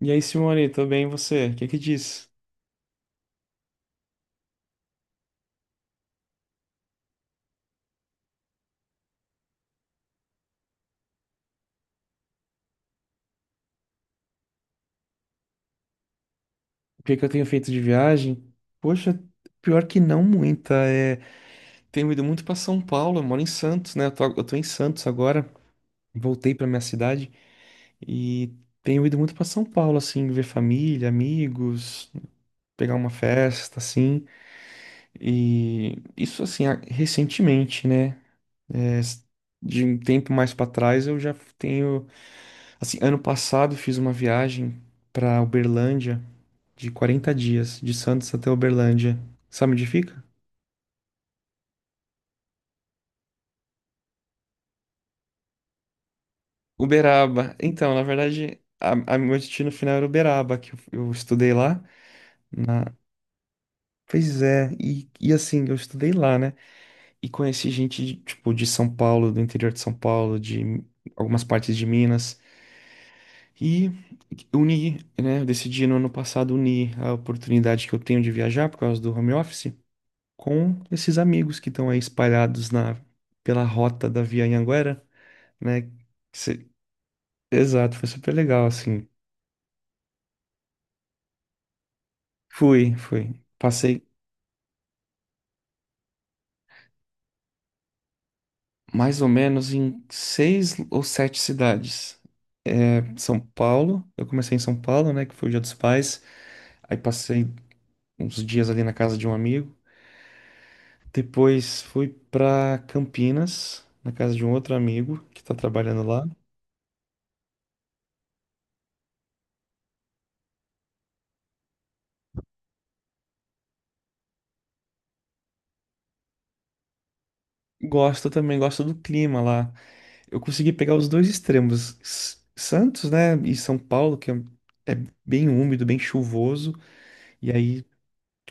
E aí, Simone, tô bem, e você? O que é que diz? O que é que eu tenho feito de viagem? Poxa, pior que não muita. Tenho ido muito pra São Paulo, eu moro em Santos, né? Eu tô em Santos agora, voltei pra minha cidade e tenho ido muito pra São Paulo, assim, ver família, amigos, pegar uma festa, assim. E isso, assim, recentemente, né? É, De um tempo mais pra trás, eu já tenho. Assim, ano passado fiz uma viagem pra Uberlândia, de 40 dias, de Santos até Uberlândia. Sabe onde fica? Uberaba. Então, na verdade, a meu destino final era Uberaba, eu estudei lá na. Pois é, e assim, eu estudei lá, né? E conheci gente, de, tipo, de São Paulo, do interior de São Paulo, de algumas partes de Minas. E uni, né? Eu decidi no ano passado unir a oportunidade que eu tenho de viajar por causa do home office com esses amigos que estão aí espalhados na, pela rota da Via Anhanguera, né? Se- Exato, foi super legal, assim. Fui, fui. Passei mais ou menos em 6 ou 7 cidades. É, São Paulo, eu comecei em São Paulo, né, que foi o Dia dos Pais. Aí passei uns dias ali na casa de um amigo. Depois fui pra Campinas, na casa de um outro amigo que tá trabalhando lá. Gosto também, gosto do clima lá. Eu consegui pegar os dois extremos. Santos, né, e São Paulo, que é bem úmido, bem chuvoso. E aí,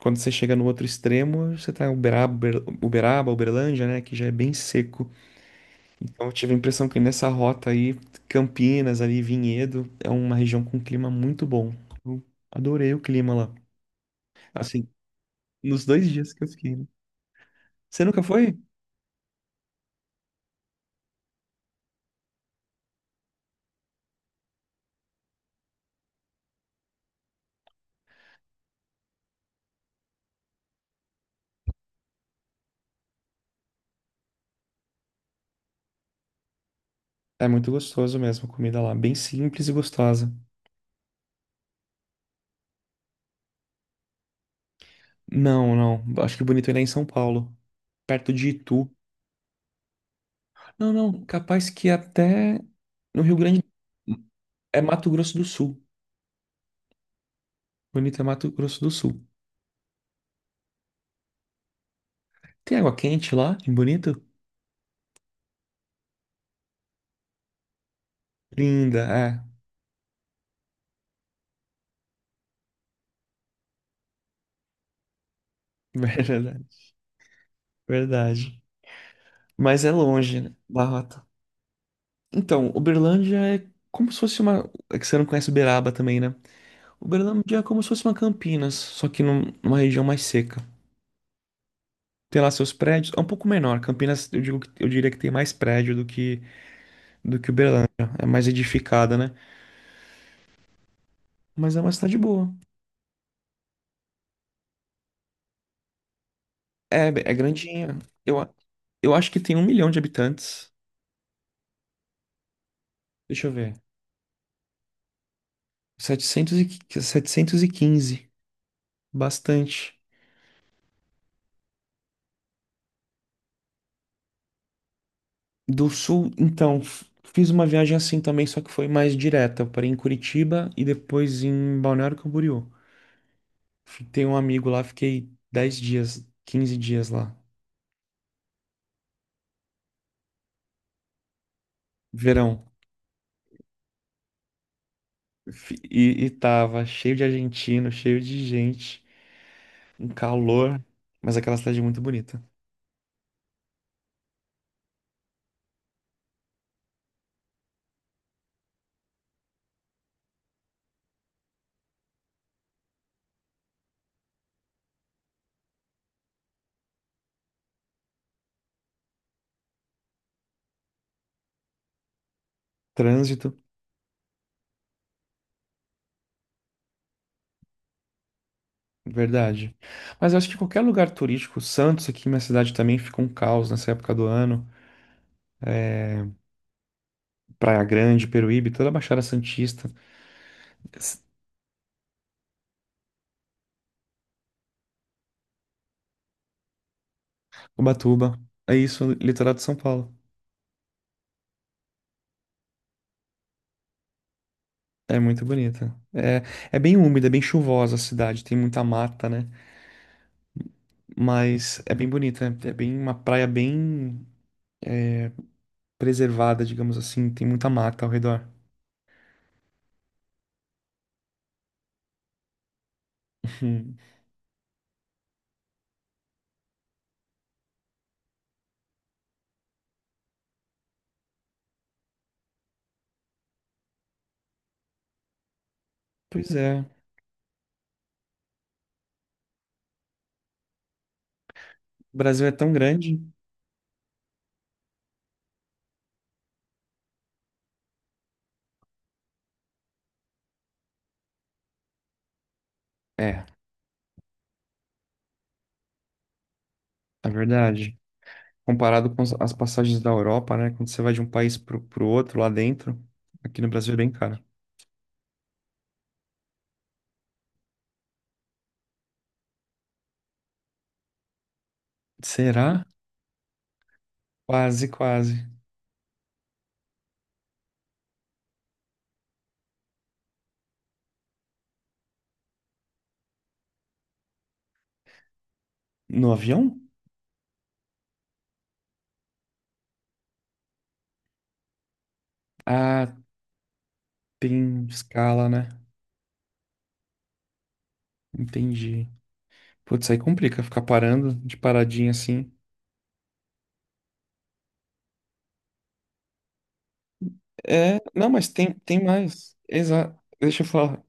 quando você chega no outro extremo, você tá em Uberaba, Uberaba, Uberlândia, né? Que já é bem seco. Então, eu tive a impressão que nessa rota aí, Campinas, ali, Vinhedo, é uma região com clima muito bom. Eu adorei o clima lá. Assim, nos dois dias que eu fiquei, né? Você nunca foi? É muito gostoso mesmo a comida lá. Bem simples e gostosa. Não, não. Acho que bonito ainda é em São Paulo, perto de Itu. Não, não. Capaz que até no Rio Grande. É Mato Grosso do Sul. Bonito é Mato Grosso do Sul. Tem água quente lá, em Bonito? Linda, é. Verdade, verdade. Mas é longe, né? Barrota. Então, Uberlândia é como se fosse uma. É que você não conhece Uberaba também, né? Uberlândia é como se fosse uma Campinas, só que numa região mais seca. Tem lá seus prédios, é um pouco menor. Campinas, eu digo, eu diria que tem mais prédio do que Uberlândia. É mais edificada, né? Mas é uma cidade boa. É, é grandinha. Eu, a- eu acho que tem 1 milhão de habitantes. Deixa eu ver. Setecentos e, 715, bastante. Do sul, então, fiz uma viagem assim também, só que foi mais direta. Eu parei em Curitiba e depois em Balneário Camboriú. Tem um amigo lá, fiquei 10 dias, 15 dias lá, verão. E tava cheio de argentino, cheio de gente, um calor, mas aquela cidade é muito bonita. Trânsito, verdade. Mas eu acho que qualquer lugar turístico, Santos, aqui minha cidade também fica um caos nessa época do ano. Praia Grande, Peruíbe, toda a Baixada Santista, Ubatuba. É isso, litoral de São Paulo. É muito bonita. É, é bem úmida, é bem chuvosa a cidade, tem muita mata, né? Mas é bem bonita, é bem uma praia bem preservada, digamos assim, tem muita mata ao redor. Hum. Pois é, o Brasil é tão grande. É, é verdade. Comparado com as passagens da Europa, né? Quando você vai de um país pro outro lá dentro, aqui no Brasil é bem caro. Será? Quase, quase. No avião? Ah, tem escala, né? Entendi. Putz, aí complica ficar parando de paradinha assim. É, não, mas tem, tem mais. Exato. Deixa eu falar.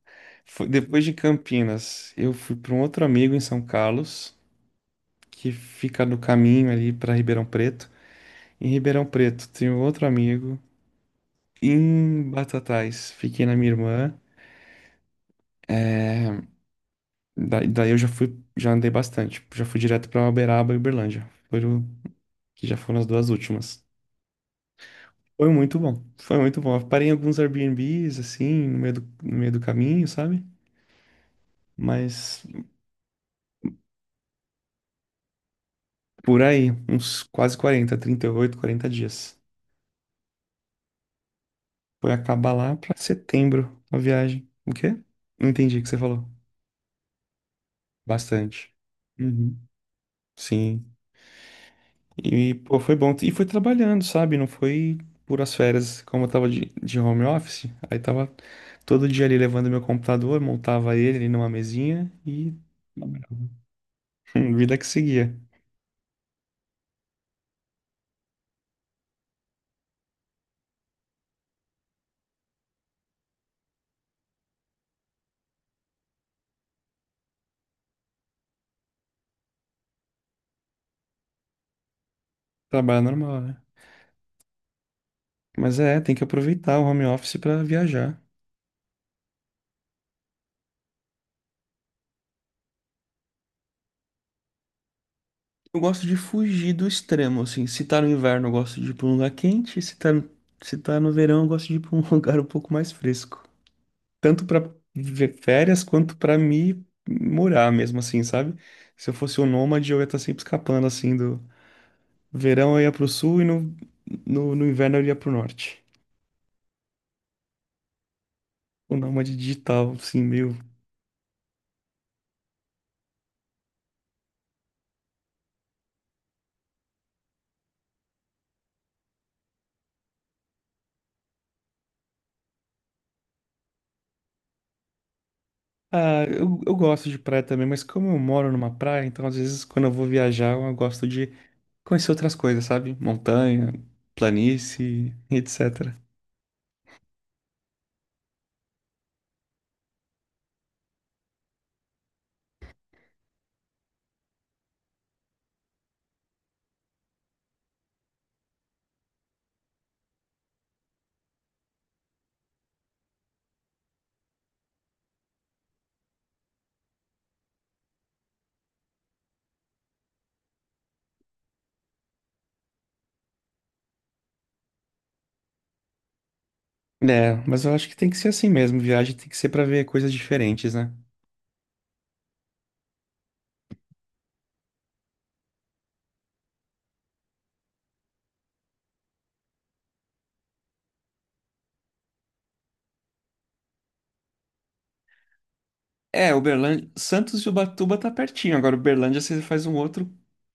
Depois de Campinas, eu fui para um outro amigo em São Carlos, que fica no caminho ali para Ribeirão Preto. Em Ribeirão Preto, tem um outro amigo. Em Batatais, fiquei na minha irmã. Daí eu já fui, já andei bastante. Já fui direto para Uberaba e Uberlândia. Foram, que já foram as duas últimas. Foi muito bom. Foi muito bom. Eu parei em alguns Airbnbs, assim, no meio do, no meio do caminho, sabe? Mas por aí, uns quase 40, 38, 40 dias. Foi acabar lá pra setembro a viagem. O quê? Não entendi o que você falou. Bastante. Uhum. Sim. E, pô, foi bom. E foi trabalhando, sabe? Não foi puras férias, como eu tava de home office. Aí tava todo dia ali levando meu computador, montava ele ali numa mesinha e vida que seguia. Trabalho normal, né? Mas é, tem que aproveitar o home office pra viajar. Eu gosto de fugir do extremo, assim. Se tá no inverno, eu gosto de ir pra um lugar quente. Se tá no verão, eu gosto de ir pra um lugar um pouco mais fresco. Tanto pra ver férias, quanto pra me morar mesmo, assim, sabe? Se eu fosse um nômade, eu ia estar sempre escapando, assim, do verão eu ia pro sul e no inverno eu ia pro norte. O nômade digital, assim, meio Ah, eu gosto de praia também, mas como eu moro numa praia, então às vezes quando eu vou viajar, eu gosto de conhecer outras coisas, sabe? Montanha, planície, etc. É, mas eu acho que tem que ser assim mesmo, viagem tem que ser pra ver coisas diferentes, né? É, Uberlândia, Santos e Ubatuba tá pertinho, agora Uberlândia você faz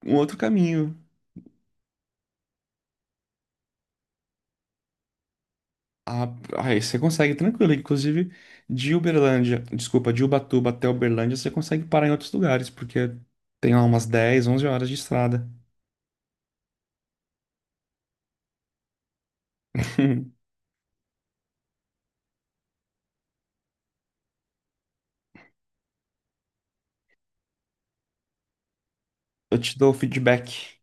um outro caminho. Ah, aí você consegue tranquilo, inclusive de Uberlândia, desculpa, de Ubatuba até Uberlândia você consegue parar em outros lugares, porque tem lá umas 10, 11 horas de estrada. Eu te dou o feedback.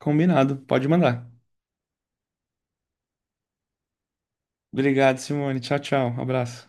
Combinado, pode mandar. Obrigado, Simone. Tchau, tchau. Abraço.